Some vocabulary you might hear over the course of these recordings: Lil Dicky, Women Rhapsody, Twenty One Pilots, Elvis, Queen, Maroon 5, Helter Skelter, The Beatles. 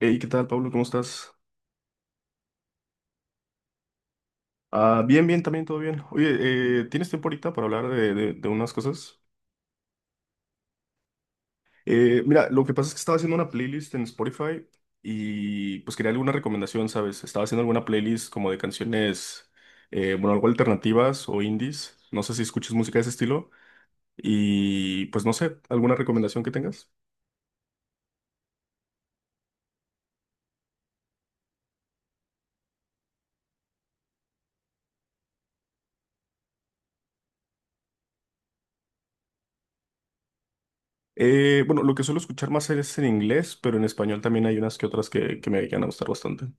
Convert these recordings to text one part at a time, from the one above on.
Hey, ¿qué tal, Pablo? ¿Cómo estás? Ah, bien, bien, también todo bien. Oye, ¿tienes tiempo ahorita para hablar de unas cosas? Mira, lo que pasa es que estaba haciendo una playlist en Spotify y pues quería alguna recomendación, ¿sabes? Estaba haciendo alguna playlist como de canciones, bueno, algo alternativas o indies. No sé si escuchas música de ese estilo y pues no sé, alguna recomendación que tengas. Bueno, lo que suelo escuchar más es en inglés, pero en español también hay unas que otras que me llegan a gustar bastante.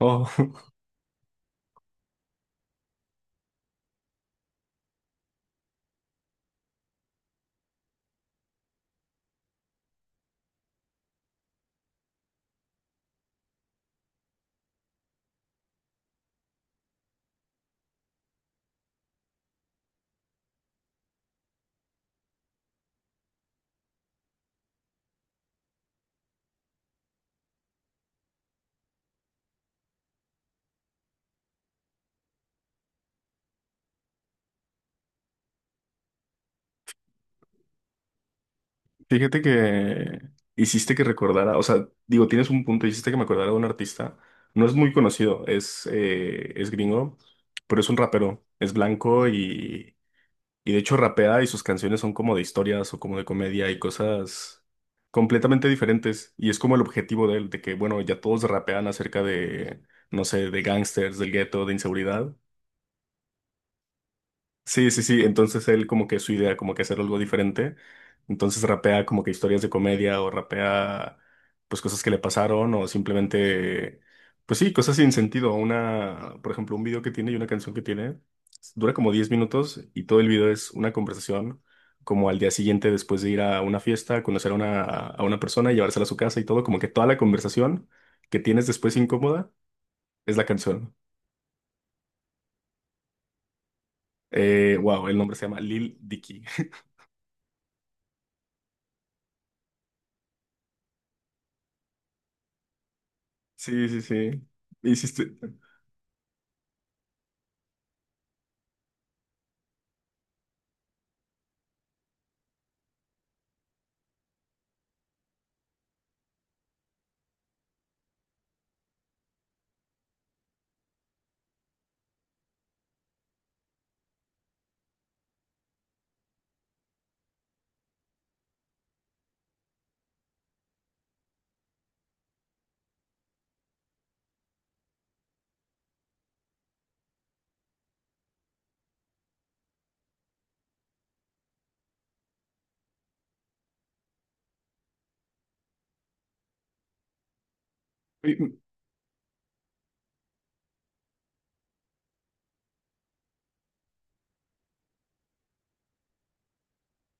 Oh. Fíjate que hiciste que recordara, o sea, digo, tienes un punto, hiciste que me acordara de un artista. No es muy conocido, es gringo, pero es un rapero, es blanco y de hecho rapea y sus canciones son como de historias o como de comedia y cosas completamente diferentes. Y es como el objetivo de él, de que, bueno, ya todos rapean acerca de, no sé, de gángsters, del gueto, de inseguridad. Sí, sí, sí. Entonces él como que su idea, como que hacer algo diferente. Entonces rapea como que historias de comedia o rapea pues cosas que le pasaron o simplemente, pues sí, cosas sin sentido. Una, por ejemplo, un video que tiene y una canción que tiene dura como 10 minutos y todo el video es una conversación como al día siguiente después de ir a una fiesta, a conocer a una persona y llevársela a su casa y todo, como que toda la conversación que tienes después incómoda es la canción. Wow, el nombre se llama Lil Dicky. Sí, sí, sí. Hiciste.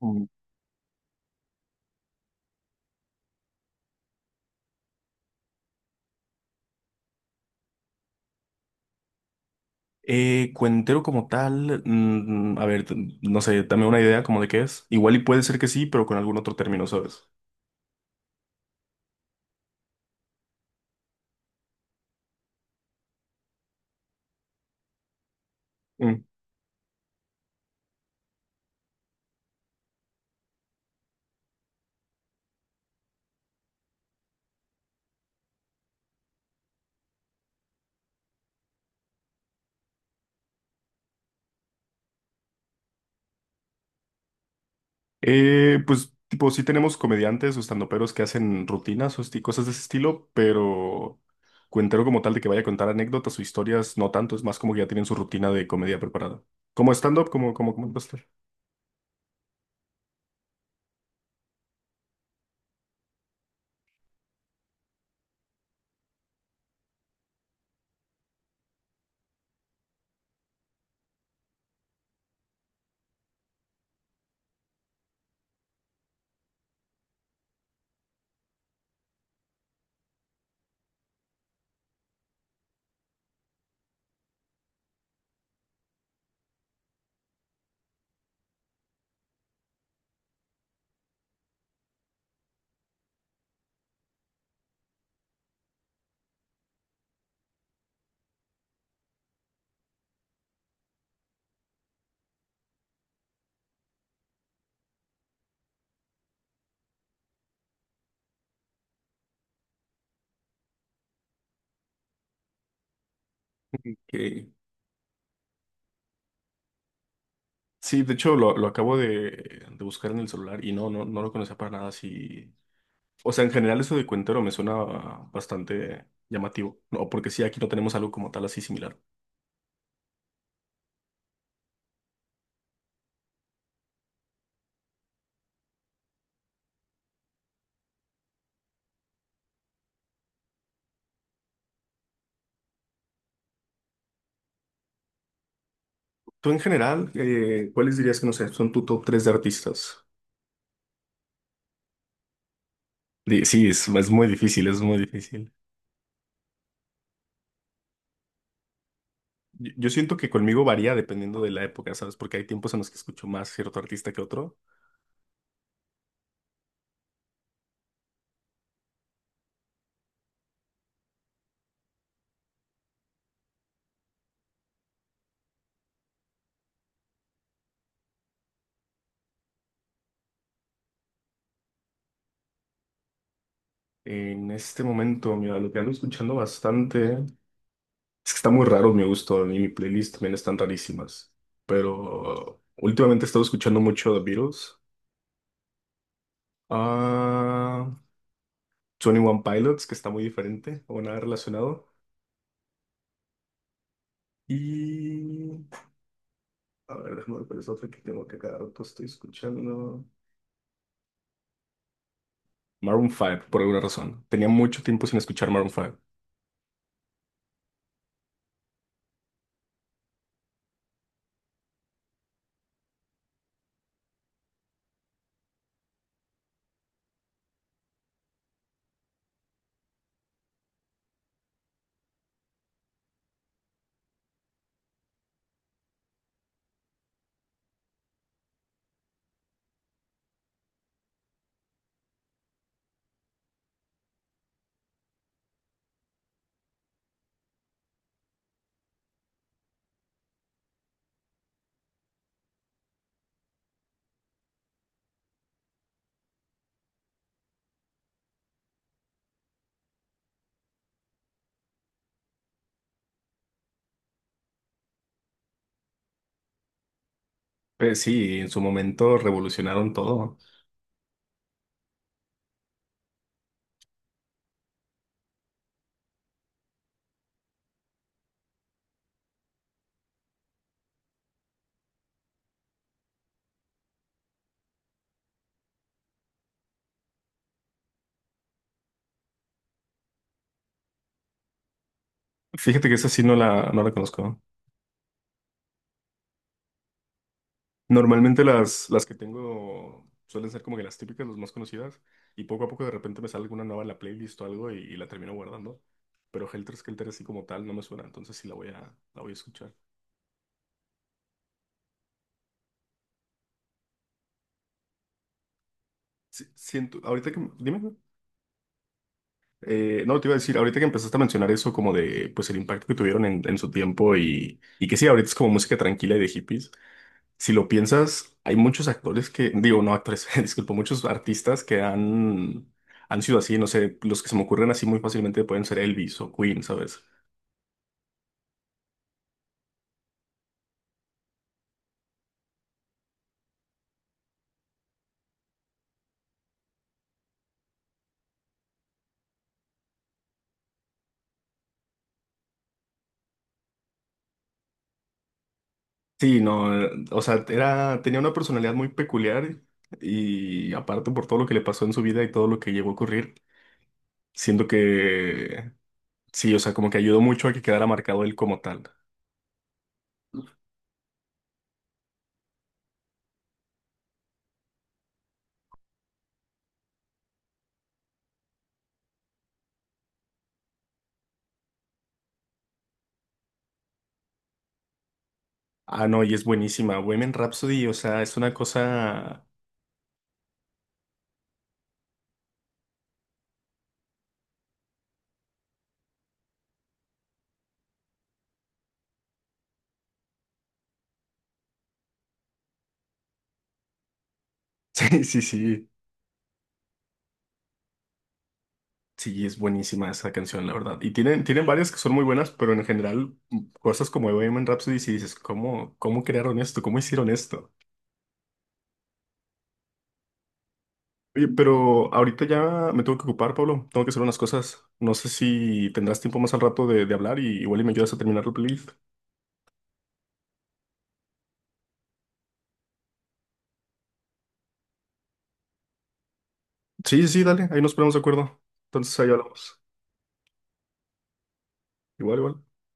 Mm. Cuentero como tal, mm, a ver, no sé, dame una idea como de qué es. Igual y puede ser que sí, pero con algún otro término, ¿sabes? Mm. Pues, tipo, sí tenemos comediantes o standuperos que hacen rutinas o cosas de ese estilo, pero cuentero como tal de que vaya a contar anécdotas o historias, no tanto, es más como que ya tienen su rutina de comedia preparada. Como stand-up, como. Ok. Sí, de hecho lo acabo de buscar en el celular y no, no, no lo conocía para nada. Sí. O sea, en general eso de cuentero me suena bastante llamativo. No, porque sí, aquí no tenemos algo como tal así similar. Tú en general, ¿cuáles dirías que no sé, son tu top 3 de artistas? Sí, es muy difícil, es muy difícil. Yo siento que conmigo varía dependiendo de la época, ¿sabes? Porque hay tiempos en los que escucho más cierto artista que otro. En este momento, mira, lo que ando escuchando bastante es que está muy raro mi gusto y mi playlist también están rarísimas. Pero últimamente he estado escuchando mucho The Beatles. Ah, twenty One Pilots, que está muy diferente o nada relacionado. Y a ver, déjame ver cuál es otra que tengo que cada rato estoy escuchando. Maroon 5, por alguna razón. Tenía mucho tiempo sin escuchar Maroon 5. Sí, en su momento revolucionaron todo. Fíjate que esa sí no la conozco. Normalmente las que tengo suelen ser como que las típicas, las más conocidas. Y poco a poco de repente me sale alguna nueva en la playlist o algo y la termino guardando. Pero Helter Skelter así como tal no me suena, entonces sí la voy a escuchar. Sí, siento, ahorita que... Dime. No, te iba a decir, ahorita que empezaste a mencionar eso como de, pues el impacto que tuvieron en su tiempo y que sí, ahorita es como música tranquila y de hippies. Si lo piensas, hay muchos actores que, digo, no actores, disculpo, muchos artistas que han, han sido así, no sé, los que se me ocurren así muy fácilmente pueden ser Elvis o Queen, ¿sabes? Sí, no, o sea, era, tenía una personalidad muy peculiar y aparte por todo lo que le pasó en su vida y todo lo que llegó a ocurrir, siento que sí, o sea, como que ayudó mucho a que quedara marcado él como tal. Ah, no, y es buenísima. Women Rhapsody, o sea, es una cosa. Sí, sí, sí. Sí, es buenísima esa canción, la verdad. Y tienen, tienen varias que son muy buenas, pero en general, mm, cosas como Women Rhapsody, si dices, ¿cómo, cómo crearon esto? ¿Cómo hicieron esto? Oye, pero ahorita ya me tengo que ocupar, Pablo. Tengo que hacer unas cosas. No sé si tendrás tiempo más al rato de hablar y igual y me ayudas a terminar la playlist. Sí, sí, sí, dale. Ahí nos ponemos de acuerdo. Entonces ahí hablamos. Igual, igual.